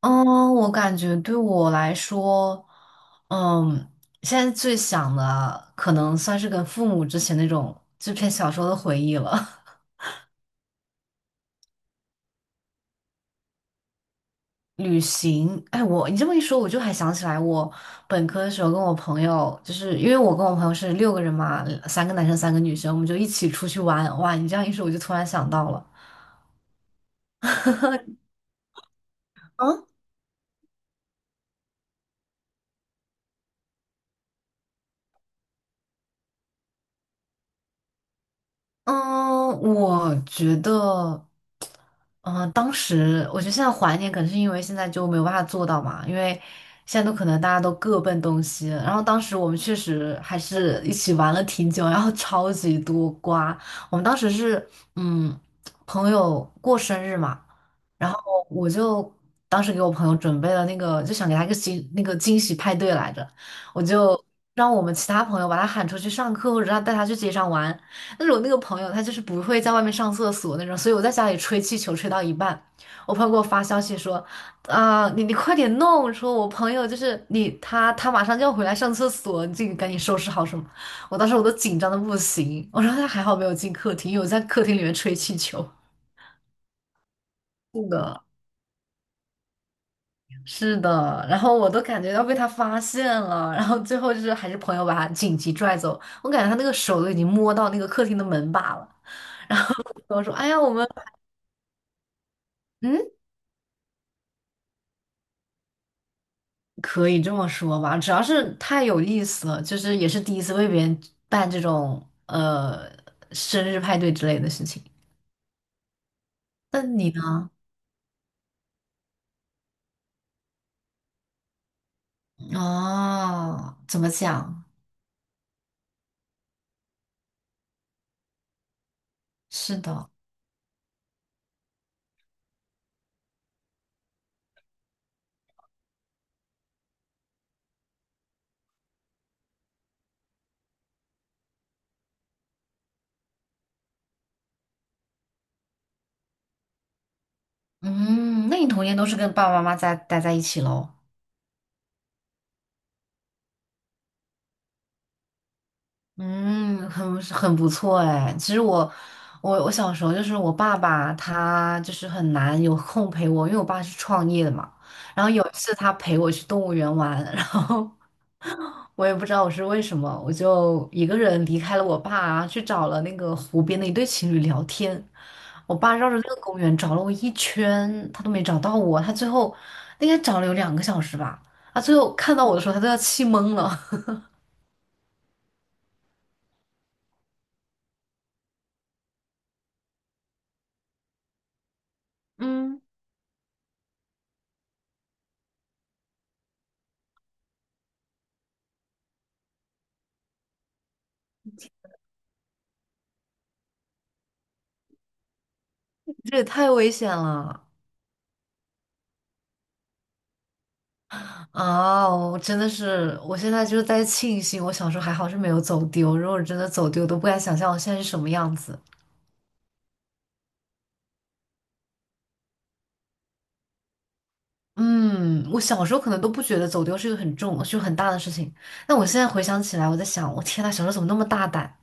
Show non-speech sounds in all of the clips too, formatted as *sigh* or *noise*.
嗯，我感觉对我来说，嗯，现在最想的可能算是跟父母之前那种这篇小说的回忆了。*laughs* 旅行，哎，你这么一说，我就还想起来，我本科的时候跟我朋友，就是因为我跟我朋友是6个人嘛，3个男生，3个女生，我们就一起出去玩哇！你这样一说，我就突然想到了。*laughs* 啊？嗯，我觉得，当时我觉得现在怀念，可能是因为现在就没有办法做到嘛，因为现在都可能大家都各奔东西。然后当时我们确实还是一起玩了挺久，然后超级多瓜。我们当时是，嗯，朋友过生日嘛，然后我就当时给我朋友准备了那个，就想给他一个惊那个惊喜派对来着，我就让我们其他朋友把他喊出去上课，或者让带他去街上玩。但是我那个朋友他就是不会在外面上厕所那种，所以我在家里吹气球吹到一半，我朋友给我发消息说，啊、你快点弄，说我朋友就是你他马上就要回来上厕所，你自己赶紧收拾好什么。我当时我都紧张的不行，我说他还好没有进客厅，因为我在客厅里面吹气球。是的，是的，然后我都感觉要被他发现了，然后最后就是还是朋友把他紧急拽走，我感觉他那个手都已经摸到那个客厅的门把了。我说，哎呀，我们嗯。可以这么说吧，主要是太有意思了，就是也是第一次为别人办这种生日派对之类的事情。那你呢？哦，怎么讲？是的，嗯，那你童年都是跟爸爸妈妈在待在一起喽？嗯，很很不错哎。其实我，我小时候就是我爸爸，他就是很难有空陪我，因为我爸是创业的嘛。然后有一次他陪我去动物园玩，然后 *laughs* 我也不知道我是为什么，我就一个人离开了我爸，去找了那个湖边的一对情侣聊天。我爸绕着那个公园找了我一圈，他都没找到我。他最后应该找了有2个小时吧，他最后看到我的时候，他都要气懵了。*laughs* 嗯。这也太危险了啊！我真的是，我现在就是在庆幸，我小时候还好是没有走丢。如果真的走丢，我都不敢想象我现在是什么样子。嗯，我小时候可能都不觉得走丢是一个很重、就很大的事情。但我现在回想起来，我在想，我天呐，小时候怎么那么大胆？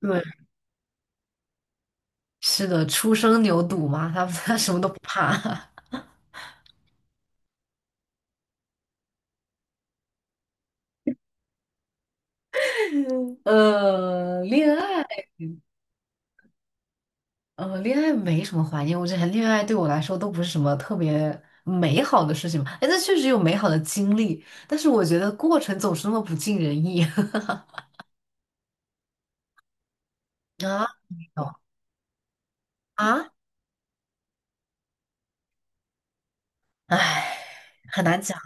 对，*laughs* 是的，初生牛犊嘛，他 *laughs* 他什么都不怕。*laughs* 呃，恋爱。恋爱没什么怀念，我觉得恋爱对我来说都不是什么特别美好的事情嘛。哎，那确实有美好的经历，但是我觉得过程总是那么不尽人意 *laughs* 啊，没有啊，唉，很难讲，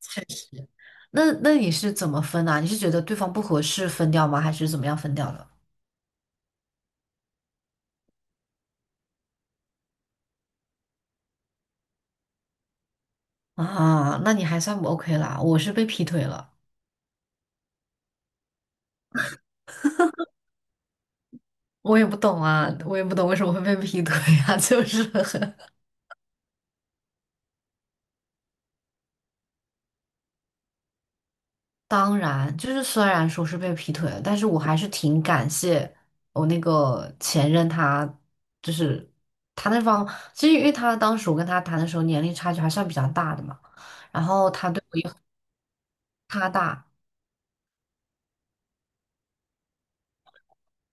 确实。那那你是怎么分啊？你是觉得对方不合适分掉吗？还是怎么样分掉的？啊，那你还算不 OK 啦，我是被劈腿了，我也不懂啊，我也不懂为什么会被劈腿啊，*laughs* 就是。当然，就是虽然说是被劈腿了，但是我还是挺感谢我那个前任他，就是他那方，其实因为他当时我跟他谈的时候年龄差距还算比较大的嘛，然后他对我也很他大，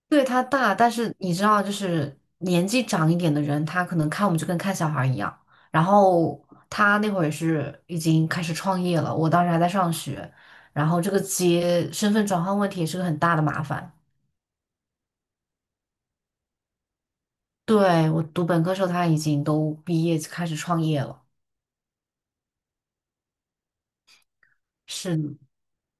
对他大，但是你知道，就是年纪长一点的人，他可能看我们就跟看小孩儿一样，然后他那会儿也是已经开始创业了，我当时还在上学，然后这个接身份转换问题也是个很大的麻烦。对，我读本科时候，他已经都毕业开始创业了。是的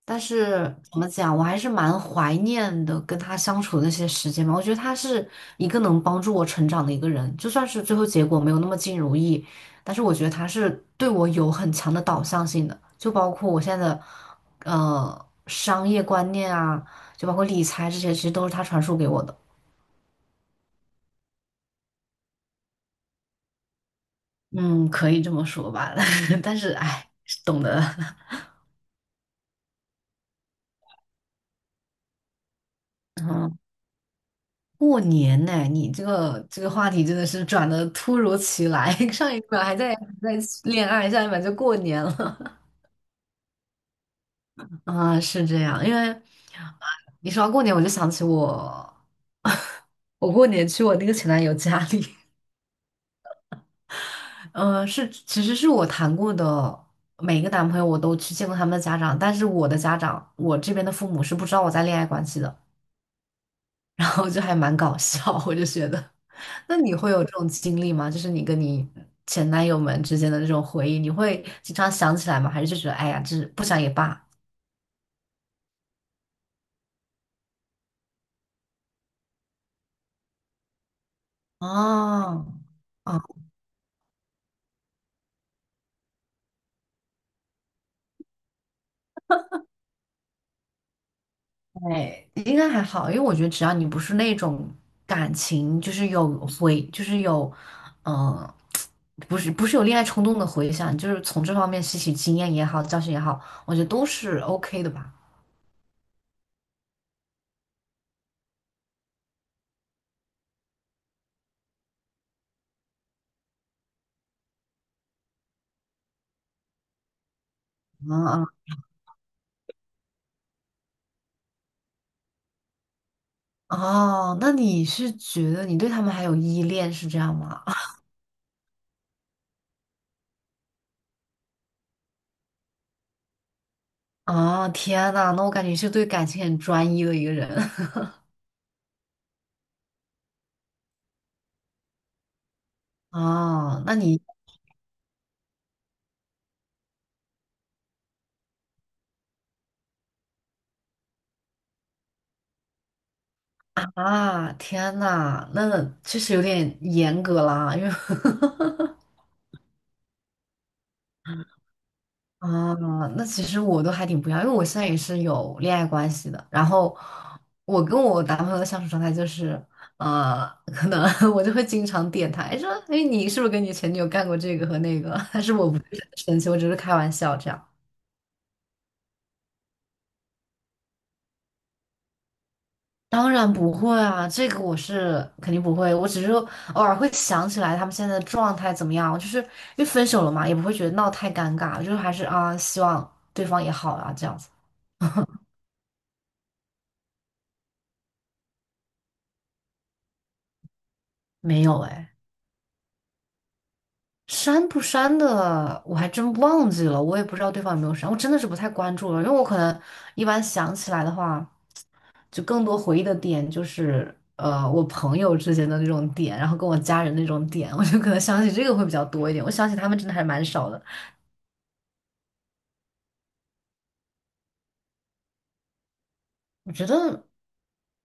但是怎么讲，我还是蛮怀念的跟他相处的那些时间吧。我觉得他是一个能帮助我成长的一个人，就算是最后结果没有那么尽如意，但是我觉得他是对我有很强的导向性的，就包括我现在的商业观念啊，就包括理财这些，其实都是他传输给我的。嗯，可以这么说吧，*laughs* 但是哎，懂得。*laughs* 嗯过年呢、你这个话题真的是转的突如其来，*laughs* 上一秒还在恋爱，下一秒就过年了。*laughs* 啊，是这样，因为啊你说到过年，我就想起我，*laughs* 我过年去我那个前男友家里，*laughs* 嗯、其实是我谈过的每一个男朋友，我都去见过他们的家长，但是我的家长，我这边的父母是不知道我在恋爱关系的，然后就还蛮搞笑，我就觉得。那你会有这种经历吗？就是你跟你前男友们之间的这种回忆，你会经常想起来吗？还是就觉得哎呀，就是不想也罢？哦，哦，对，应该还好，因为我觉得只要你不是那种感情，就是有回，就是有，嗯、*tsk* 不是有恋爱冲动的回想，就是从这方面吸取经验也好，教训也好，我觉得都是 OK 的吧。嗯嗯，哦，那你是觉得你对他们还有依恋是这样吗？啊，天呐，那我感觉是对感情很专一的一个人 *laughs* 啊。那你啊，天呐，那确实有点严格啦，因为 *laughs* 啊，那其实我都还挺不要，因为我现在也是有恋爱关系的。然后我跟我男朋友的相处状态就是，可能 *laughs* 我就会经常点他，哎说，哎，你是不是跟你前女友干过这个和那个？*laughs* 但是我不是很生气，我只是开玩笑这样。当然不会啊，这个我是肯定不会。我只是说偶尔会想起来他们现在的状态怎么样，就是因为分手了嘛，也不会觉得闹太尴尬，就是还是啊，希望对方也好啊，这样子。没有哎，删不删的我还真忘记了，我也不知道对方有没有删，我真的是不太关注了，因为我可能一般想起来的话，就更多回忆的点就是我朋友之间的那种点，然后跟我家人那种点，我就可能想起这个会比较多一点。我想起他们真的还蛮少的。我觉得，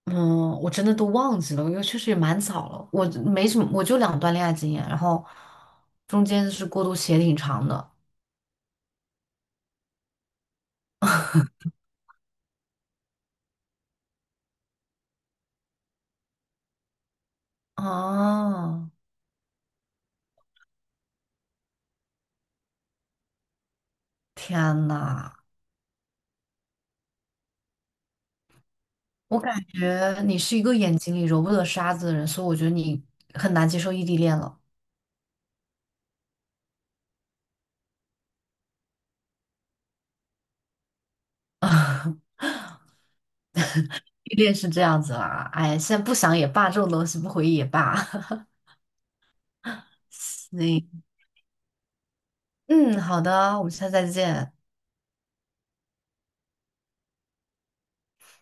嗯，我真的都忘记了，因为确实也蛮早了。我没什么，我就两段恋爱经验，然后中间是过渡期也挺长的。哦，天呐，我感觉你是一个眼睛里揉不得沙子的人，所以我觉得你很难接受异地恋了。*laughs* 异地恋是这样子啦，哎，现在不想也罢，这种东西不回忆也罢。*laughs* 那，嗯，好的，我们下次再见。